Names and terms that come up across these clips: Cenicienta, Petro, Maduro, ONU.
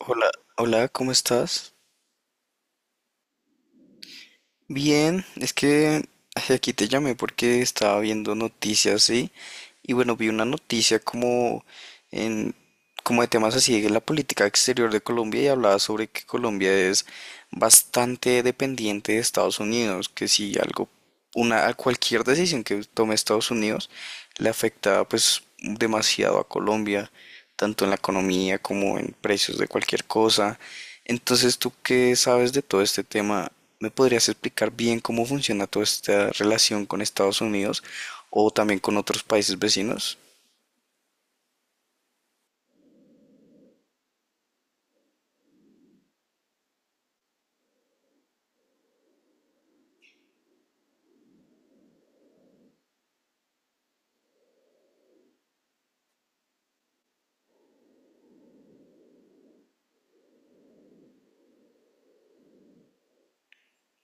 Hola, hola, ¿cómo estás? Bien, es que ay, aquí te llamé porque estaba viendo noticias, ¿sí? Y bueno, vi una noticia como en como de temas así de la política exterior de Colombia y hablaba sobre que Colombia es bastante dependiente de Estados Unidos, que si algo una cualquier decisión que tome Estados Unidos le afecta pues demasiado a Colombia, tanto en la economía como en precios de cualquier cosa. Entonces, tú que sabes de todo este tema, ¿me podrías explicar bien cómo funciona toda esta relación con Estados Unidos o también con otros países vecinos?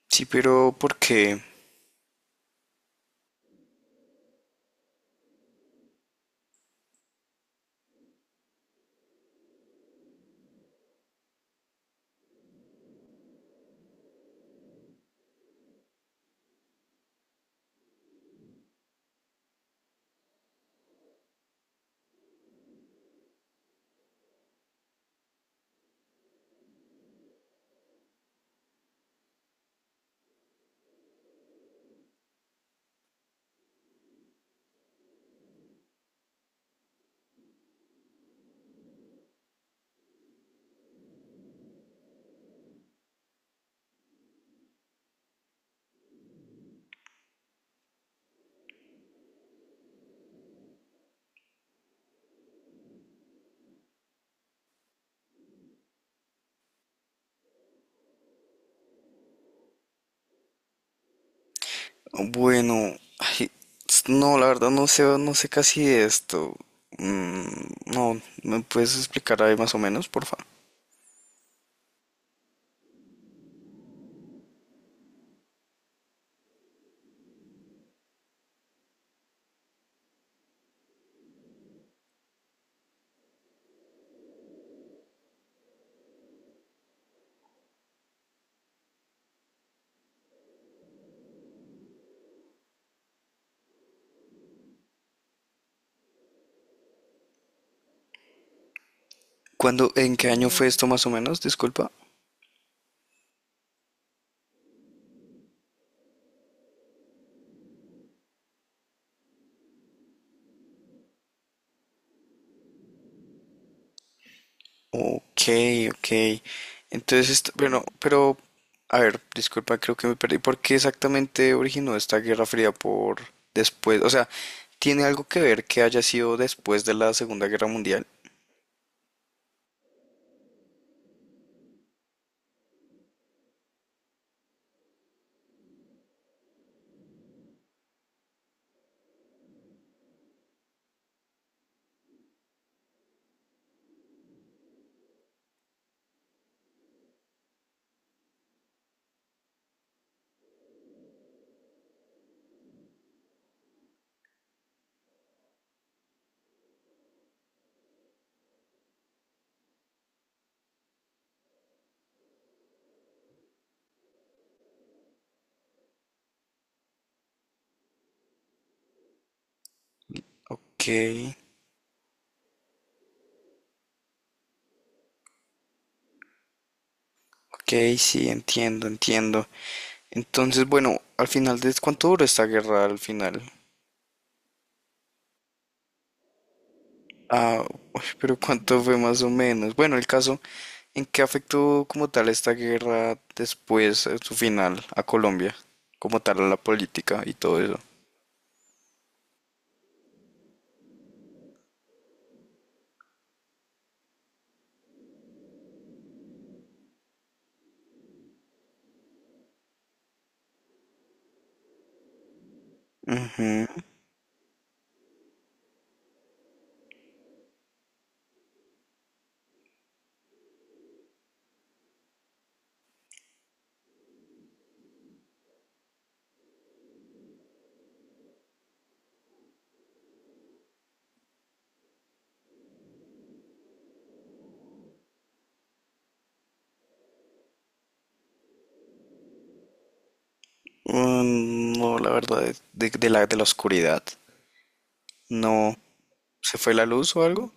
Sí, pero ¿por qué? Bueno, ay, no, la verdad no sé, no sé casi de esto. Mm, no, ¿me puedes explicar ahí más o menos, por favor? ¿Cuándo, en qué año fue esto más o menos? Disculpa. Ok, ok. Entonces, esto- bueno, pero, a ver, disculpa, creo que me perdí. ¿Por qué exactamente originó esta Guerra Fría por después? O sea, ¿tiene algo que ver que haya sido después de la Segunda Guerra Mundial? Ok, ok, sí, entiendo, entiendo. Entonces, bueno, al final de, ¿cuánto duró esta guerra al final? Ah, uy, pero ¿cuánto fue más o menos? Bueno, el caso. ¿En qué afectó como tal esta guerra después, en su final, a Colombia? Como tal, a la política y todo eso. Ujú. Mm, no, la verdad, de la oscuridad. No. ¿Se fue la luz o algo?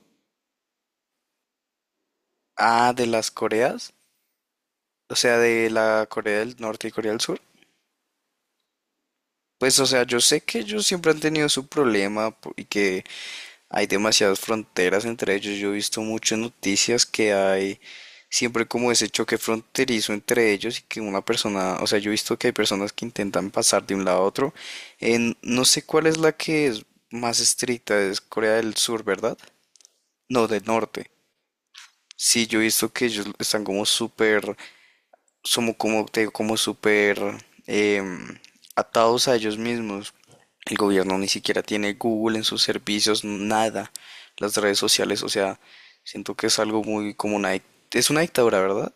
Ah, de las Coreas. O sea, de la Corea del Norte y Corea del Sur. Pues, o sea, yo sé que ellos siempre han tenido su problema po- y que hay demasiadas fronteras entre ellos. Yo he visto muchas noticias que hay siempre como ese choque fronterizo entre ellos y que una persona, o sea, yo he visto que hay personas que intentan pasar de un lado a otro. En, no sé cuál es la que es más estricta, ¿es Corea del Sur, ¿verdad? No, del norte. Sí, yo he visto que ellos están como súper somos como, te digo, como súper em, atados a ellos mismos. El gobierno ni siquiera tiene Google en sus servicios, nada. Las redes sociales, o sea, siento que es algo muy como una... dic- Es una dictadura, ¿verdad?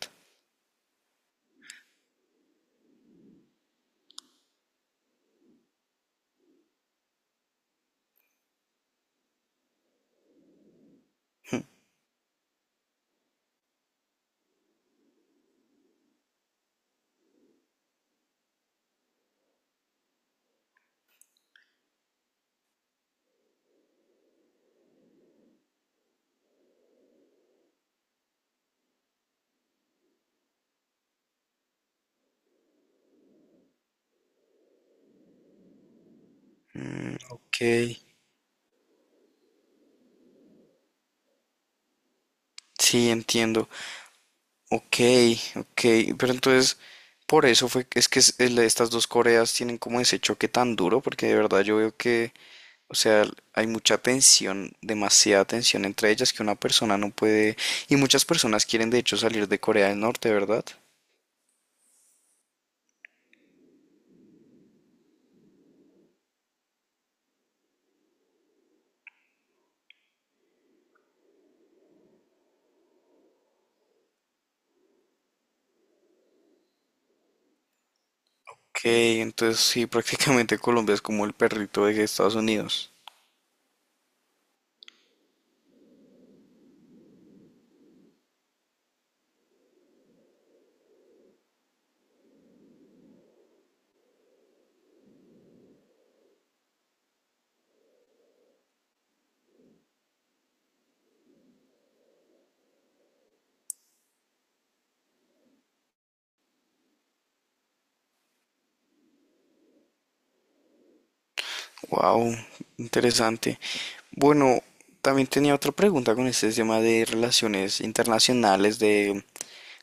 Mm, ok, sí, entiendo. Ok, ok, pero entonces, por eso fue, que es- el- estas dos Coreas tienen como ese choque tan duro, porque de verdad yo veo que o sea, hay mucha tensión, demasiada tensión entre ellas que una persona no puede... Y muchas personas quieren de hecho salir de Corea del Norte, ¿verdad? Ok, entonces sí, prácticamente Colombia es como el perrito de Estados Unidos. Wow, interesante. Bueno, también tenía otra pregunta con este tema de relaciones internacionales,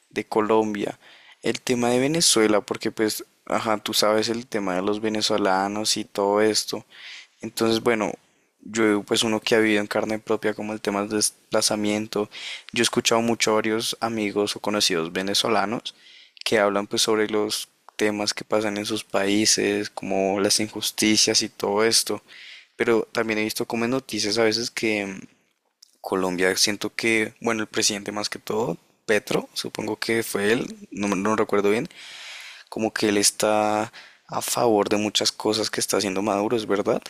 de Colombia. El tema de Venezuela, porque pues, ajá, tú sabes el tema de los venezolanos y todo esto. Entonces, bueno, yo pues uno que ha vivido en carne propia como el tema del desplazamiento, yo he escuchado mucho a varios amigos o conocidos venezolanos que hablan pues sobre los temas que pasan en sus países, como las injusticias y todo esto. Pero también he visto como en noticias a veces que Colombia siento que, bueno, el presidente más que todo, Petro, supongo que fue él, no, me- no recuerdo bien, como que él está a favor de muchas cosas que está haciendo Maduro, ¿es verdad?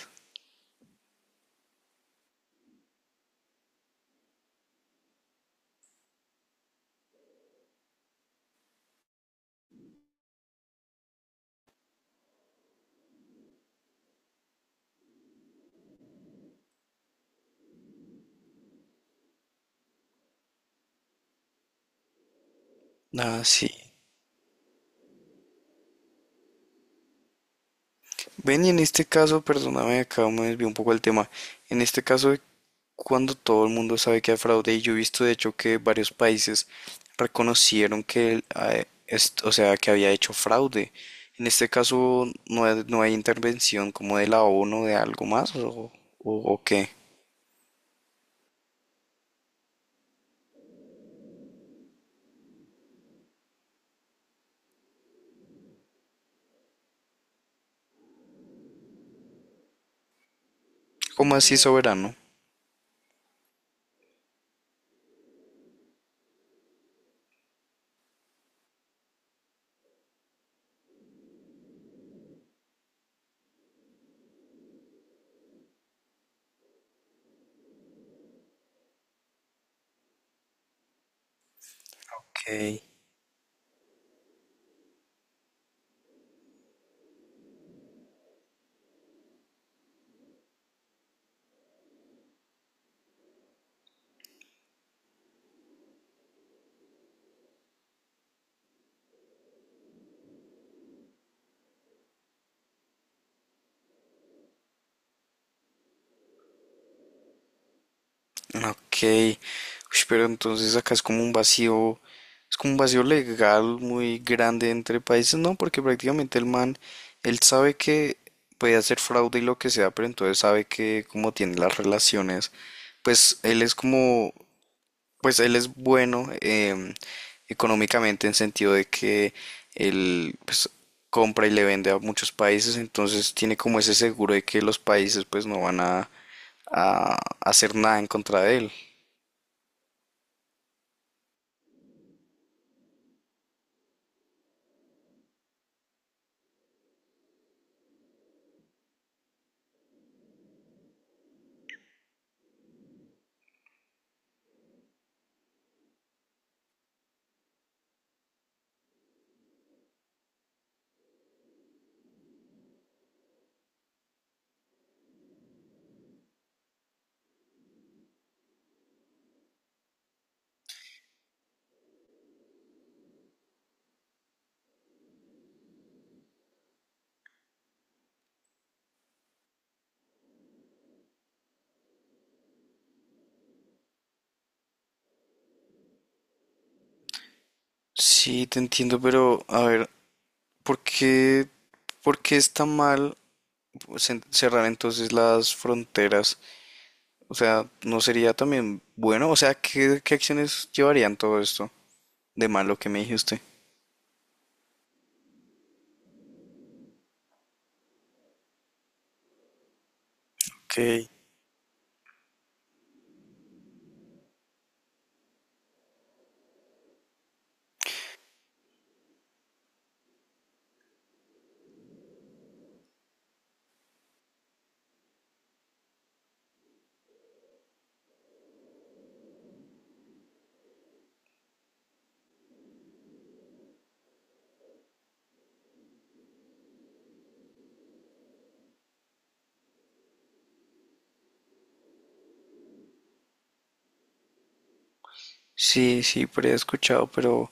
Ah, sí. Ven, y en este caso, perdóname, acá me desvió un poco el tema. En este caso, cuando todo el mundo sabe que hay fraude y yo he visto de hecho que varios países reconocieron que, el- ah, est- o sea, que había hecho fraude. En este caso no hay, no hay intervención como de la ONU de algo más o qué. ¿Cómo así? No, ¿soberano? Ok. Ok, ush, pero entonces acá es como un vacío, es como un vacío legal muy grande entre países, ¿no? Porque prácticamente el man, él sabe que puede hacer fraude y lo que sea, pero entonces sabe que como tiene las relaciones, pues él es como, pues él es bueno económicamente en sentido de que él pues compra y le vende a muchos países, entonces tiene como ese seguro de que los países pues no van a hacer nada en contra de él. Sí, te entiendo, pero a ver, ¿por qué, por qué está mal pues, cerrar entonces las fronteras? O sea, ¿no sería también bueno? O sea, ¿qué, qué acciones llevarían todo esto de malo que me dijiste? ¿Usted? Ok. Sí, sí, pero he escuchado, pero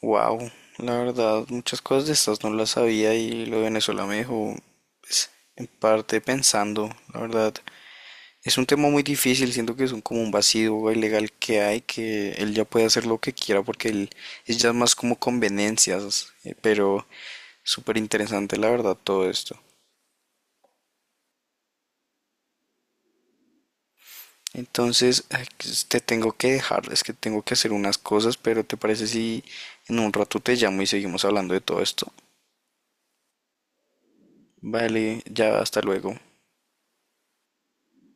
wow, la verdad, muchas cosas de estas no las sabía y lo de Venezuela me dejó, pues, en parte pensando, la verdad. Es un tema muy difícil, siento que es un, como un vacío ilegal que hay, que él ya puede hacer lo que quiera porque él es ya más como conveniencias, pero súper interesante la verdad todo esto. Entonces, ay, pues, te tengo que dejar, es que tengo que hacer unas cosas, pero ¿te parece si en un rato te llamo y seguimos hablando de todo esto? Vale, ya hasta luego.